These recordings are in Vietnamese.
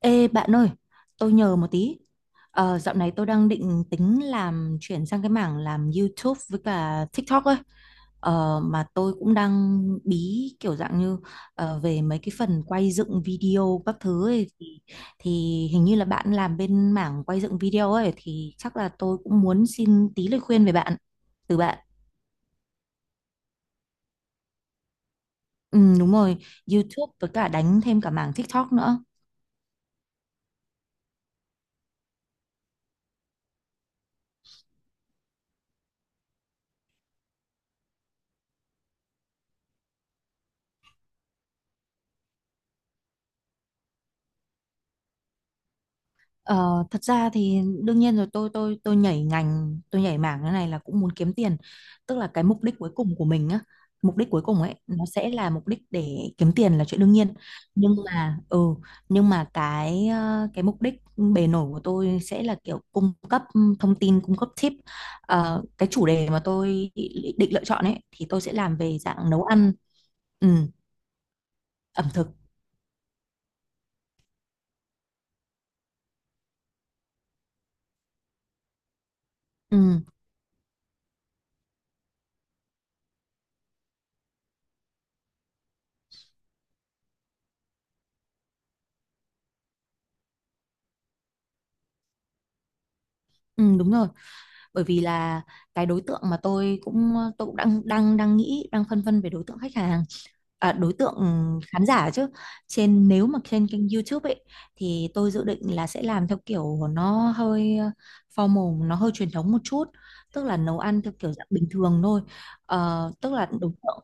Ê bạn ơi, tôi nhờ một tí. Dạo này tôi đang định tính làm chuyển sang cái mảng làm YouTube với cả TikTok ấy. Mà tôi cũng đang bí kiểu dạng như về mấy cái phần quay dựng video các thứ ấy thì hình như là bạn làm bên mảng quay dựng video ấy thì chắc là tôi cũng muốn xin tí lời khuyên về bạn từ bạn. Ừ, đúng rồi, YouTube với cả đánh thêm cả mảng TikTok nữa. Ờ, Thật ra thì đương nhiên rồi tôi nhảy ngành tôi nhảy mảng cái này là cũng muốn kiếm tiền, tức là cái mục đích cuối cùng của mình á, mục đích cuối cùng ấy nó sẽ là mục đích để kiếm tiền là chuyện đương nhiên. Nhưng mà ừ nhưng mà cái cái mục đích bề nổi của tôi sẽ là kiểu cung cấp thông tin cung cấp tip. Cái chủ đề mà tôi định lựa chọn ấy thì tôi sẽ làm về dạng nấu ăn, ừ, ẩm thực. Ừ, ừ, đúng rồi, bởi vì là cái đối tượng mà tôi cũng đang đang đang nghĩ đang phân vân về đối tượng khách hàng, à, đối tượng khán giả chứ, nếu mà trên kênh YouTube ấy thì tôi dự định là sẽ làm theo kiểu nó hơi formal, nó hơi truyền thống một chút, tức là nấu ăn theo kiểu dạng bình thường thôi. Tức là đối tượng.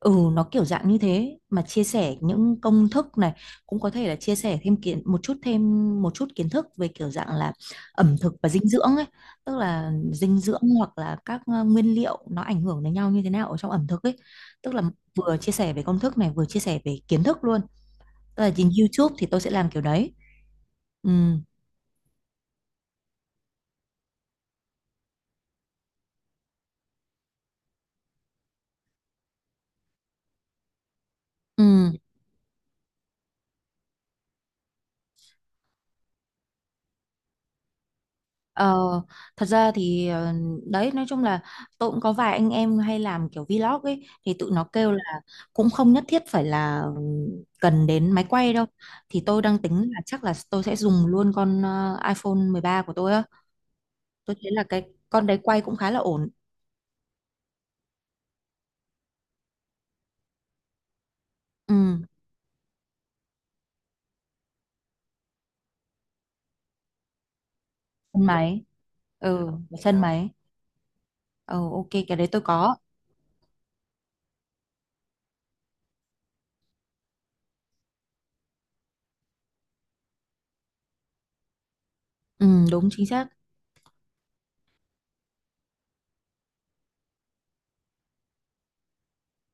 Ừ nó kiểu dạng như thế mà chia sẻ những công thức này, cũng có thể là chia sẻ thêm kiến một chút thêm một chút kiến thức về kiểu dạng là ẩm thực và dinh dưỡng ấy, tức là dinh dưỡng hoặc là các nguyên liệu nó ảnh hưởng đến nhau như thế nào ở trong ẩm thực ấy, tức là vừa chia sẻ về công thức này vừa chia sẻ về kiến thức luôn, tức là trên YouTube thì tôi sẽ làm kiểu đấy, ừ. Ừ. Ờ, Thật ra thì đấy nói chung là tôi cũng có vài anh em hay làm kiểu vlog ấy thì tụi nó kêu là cũng không nhất thiết phải là cần đến máy quay đâu, thì tôi đang tính là chắc là tôi sẽ dùng luôn con iPhone 13 của tôi á, tôi thấy là cái con đấy quay cũng khá là ổn. Ừ, sân máy. Ừ sân máy. Ừ, ok, cái đấy tôi có. Ừ, đúng chính xác.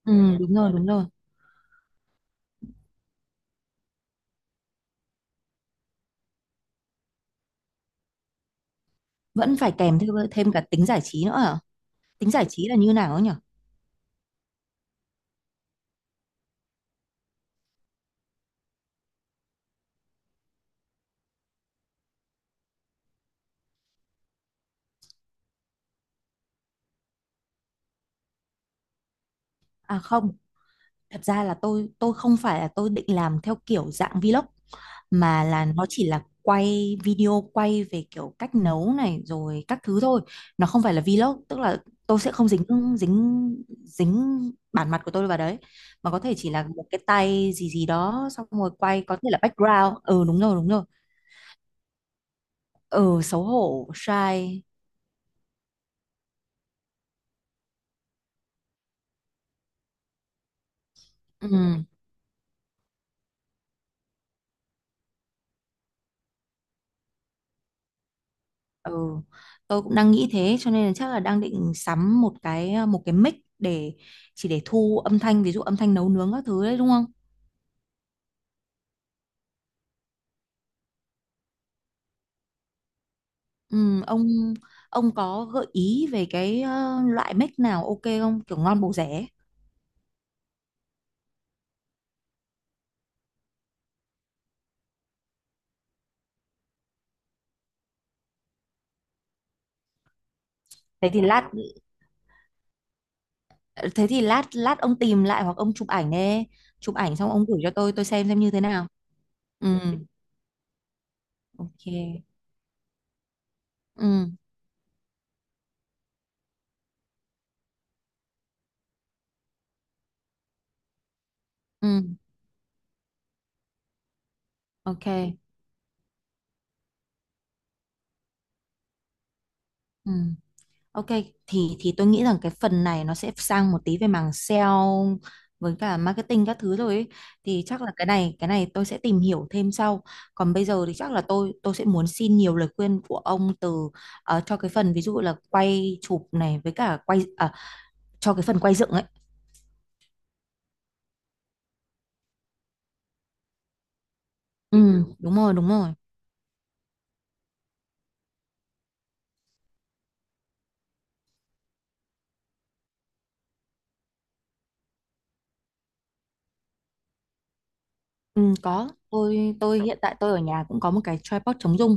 Ừ, đúng rồi đúng rồi. Vẫn phải kèm thêm thêm cả tính giải trí nữa hả? Tính giải trí là như nào ấy nhỉ? À không. Thật ra là tôi không phải là tôi định làm theo kiểu dạng vlog mà là nó chỉ là quay video quay về kiểu cách nấu này rồi các thứ thôi. Nó không phải là vlog, tức là tôi sẽ không dính dính dính bản mặt của tôi vào đấy mà có thể chỉ là một cái tay gì gì đó xong rồi quay có thể là background. Ừ đúng rồi đúng rồi. Ừ xấu hổ, shy. Ừ. Ừ, tôi cũng đang nghĩ thế cho nên là chắc là đang định sắm một cái mic để chỉ để thu âm thanh, ví dụ âm thanh nấu nướng các thứ đấy đúng không? Ừ, ông có gợi ý về cái loại mic nào ok không? Kiểu ngon bổ rẻ ấy. Thế thì lát Thế thì lát lát ông tìm lại hoặc ông chụp ảnh đi. Chụp ảnh xong ông gửi cho tôi xem như thế nào. Ừ, ok. Ừ, ừ, ok. Ừ. Ok, thì tôi nghĩ rằng cái phần này nó sẽ sang một tí về mảng sale với cả marketing các thứ rồi ấy. Thì chắc là cái này tôi sẽ tìm hiểu thêm sau. Còn bây giờ thì chắc là tôi sẽ muốn xin nhiều lời khuyên của ông từ cho cái phần ví dụ là quay chụp này với cả cho cái phần quay dựng ấy. Ừ, ừ, đúng rồi, đúng rồi. Ừ, có. Tôi hiện tại tôi ở nhà cũng có một cái tripod chống rung.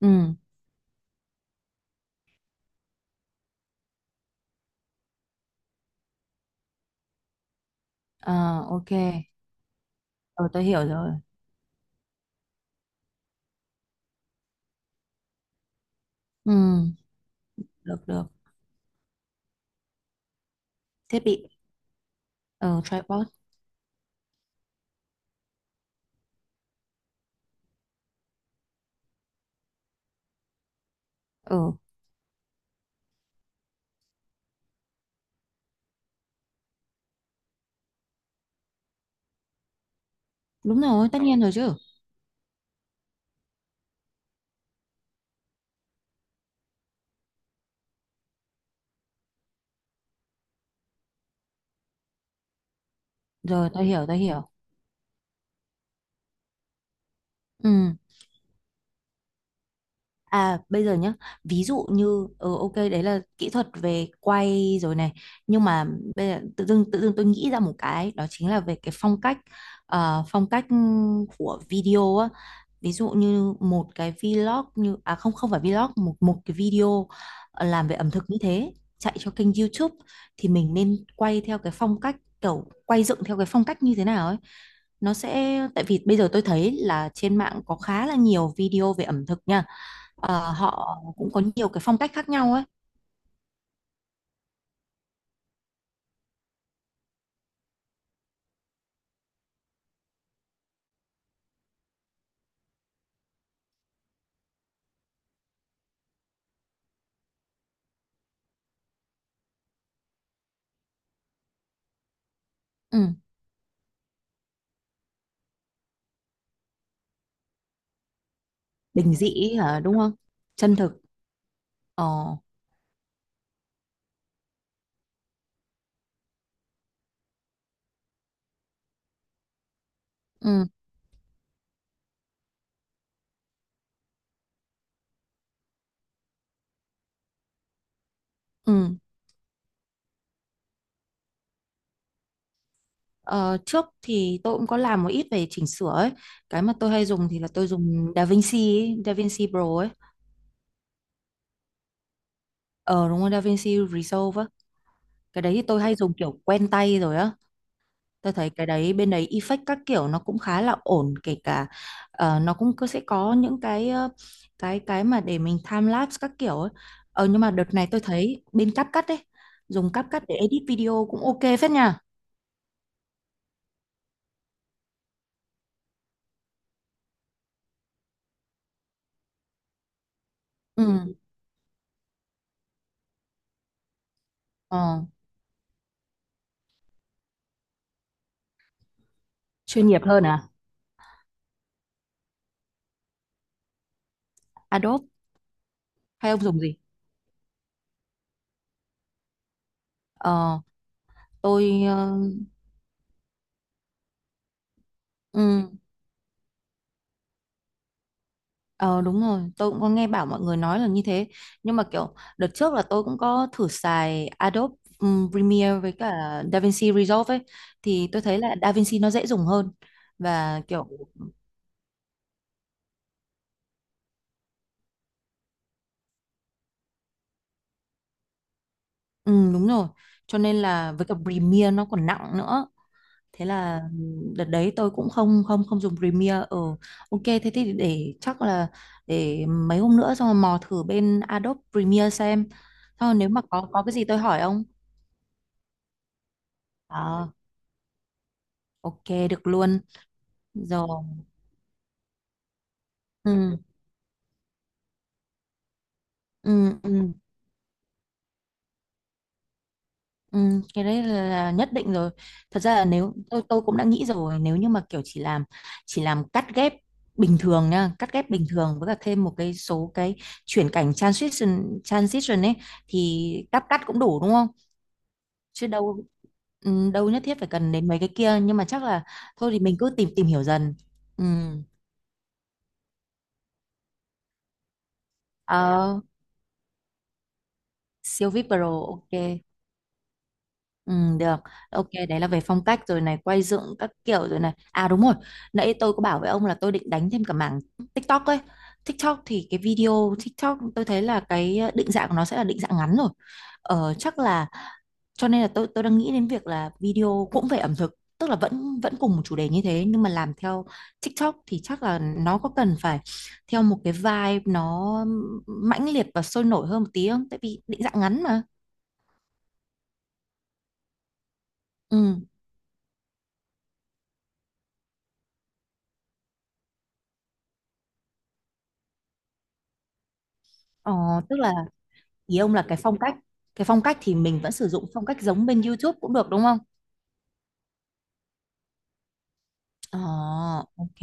Ừ, ờ, ok. Ờ, tôi hiểu rồi. Ừ, được được. Thiết bị ờ tripod. Ừ, đúng rồi, tất nhiên rồi chứ. Rồi, tôi hiểu, tôi hiểu. Ừ. À, bây giờ nhá, ví dụ như, ừ, ok, đấy là kỹ thuật về quay rồi này. Nhưng mà bây giờ tự dưng tôi nghĩ ra một cái, đó chính là về cái phong cách, ờ, phong cách ừ, của video á. Ví dụ như một cái vlog như à không, không phải vlog, một một cái video làm về ẩm thực như thế chạy cho kênh YouTube thì mình nên quay theo cái phong cách, kiểu quay dựng theo cái phong cách như thế nào ấy, nó sẽ tại vì bây giờ tôi thấy là trên mạng có khá là nhiều video về ẩm thực nha. Ờ, họ cũng có nhiều cái phong cách khác nhau ấy. Ừ. Bình dị hả, đúng không? Chân thực. Ờ. Ừ. Ừ. Ờ, trước thì tôi cũng có làm một ít về chỉnh sửa ấy. Cái mà tôi hay dùng thì là tôi dùng DaVinci ấy, DaVinci Pro ấy. Ờ đúng rồi, DaVinci Resolve á. Cái đấy thì tôi hay dùng kiểu quen tay rồi á. Tôi thấy cái đấy bên đấy effect các kiểu nó cũng khá là ổn, kể cả nó cũng cứ sẽ có những cái cái mà để mình time lapse các kiểu ấy. Ờ nhưng mà đợt này tôi thấy bên CapCut ấy, dùng CapCut để edit video cũng ok phết nha. Ừ. Ờ, chuyên nghiệp hơn à? Adobe hay ông dùng gì? Ờ tôi ờ, ừ, ờ, Đúng rồi, tôi cũng có nghe bảo mọi người nói là như thế, nhưng mà kiểu đợt trước là tôi cũng có thử xài Adobe Premiere với cả DaVinci Resolve ấy thì tôi thấy là DaVinci nó dễ dùng hơn và kiểu, ừ, đúng rồi, cho nên là với cả Premiere nó còn nặng nữa. Thế là đợt đấy tôi cũng không không không dùng Premiere, ừ, ok thế thì để chắc là để mấy hôm nữa xong rồi mò thử bên Adobe Premiere xem. Thôi nếu mà có cái gì tôi hỏi ông. À. Ok, được luôn rồi, ừ, ừ, ừ, ừ. Cái đấy là nhất định rồi, thật ra là nếu tôi cũng đã nghĩ rồi nếu như mà kiểu chỉ làm cắt ghép bình thường nha, cắt ghép bình thường với cả thêm một cái số cái chuyển cảnh transition transition ấy thì cắt cắt cũng đủ đúng không, chứ đâu, ừ, đâu nhất thiết phải cần đến mấy cái kia, nhưng mà chắc là thôi thì mình cứ tìm tìm hiểu dần, ừ. Ờ, siêu VIP Pro, ok. Ừ, được. Ok, đấy là về phong cách rồi này, quay dựng các kiểu rồi này. À đúng rồi, nãy tôi có bảo với ông là tôi định đánh thêm cả mảng TikTok ấy. TikTok thì cái video TikTok tôi thấy là cái định dạng của nó sẽ là định dạng ngắn rồi. Ờ, chắc là cho nên là tôi đang nghĩ đến việc là video cũng về ẩm thực, tức là vẫn vẫn cùng một chủ đề như thế nhưng mà làm theo TikTok thì chắc là nó có cần phải theo một cái vibe nó mãnh liệt và sôi nổi hơn một tí không? Tại vì định dạng ngắn mà. Ừ. Ờ, tức là ý ông là cái phong cách, cái phong cách thì mình vẫn sử dụng phong cách giống bên YouTube cũng được đúng không? Ờ ok.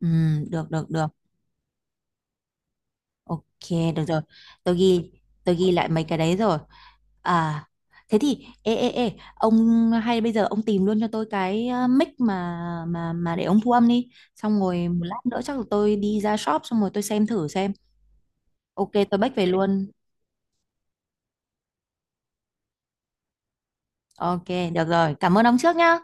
Ừ, được được được. Ok được rồi. Tôi ghi tôi ghi lại mấy cái đấy rồi. À thế thì ê ê ê ông hay bây giờ ông tìm luôn cho tôi cái mic mà để ông thu âm đi. Xong rồi một lát nữa chắc là tôi đi ra shop xong rồi tôi xem thử xem. Ok tôi back về luôn. Ok được rồi. Cảm ơn ông trước nhá.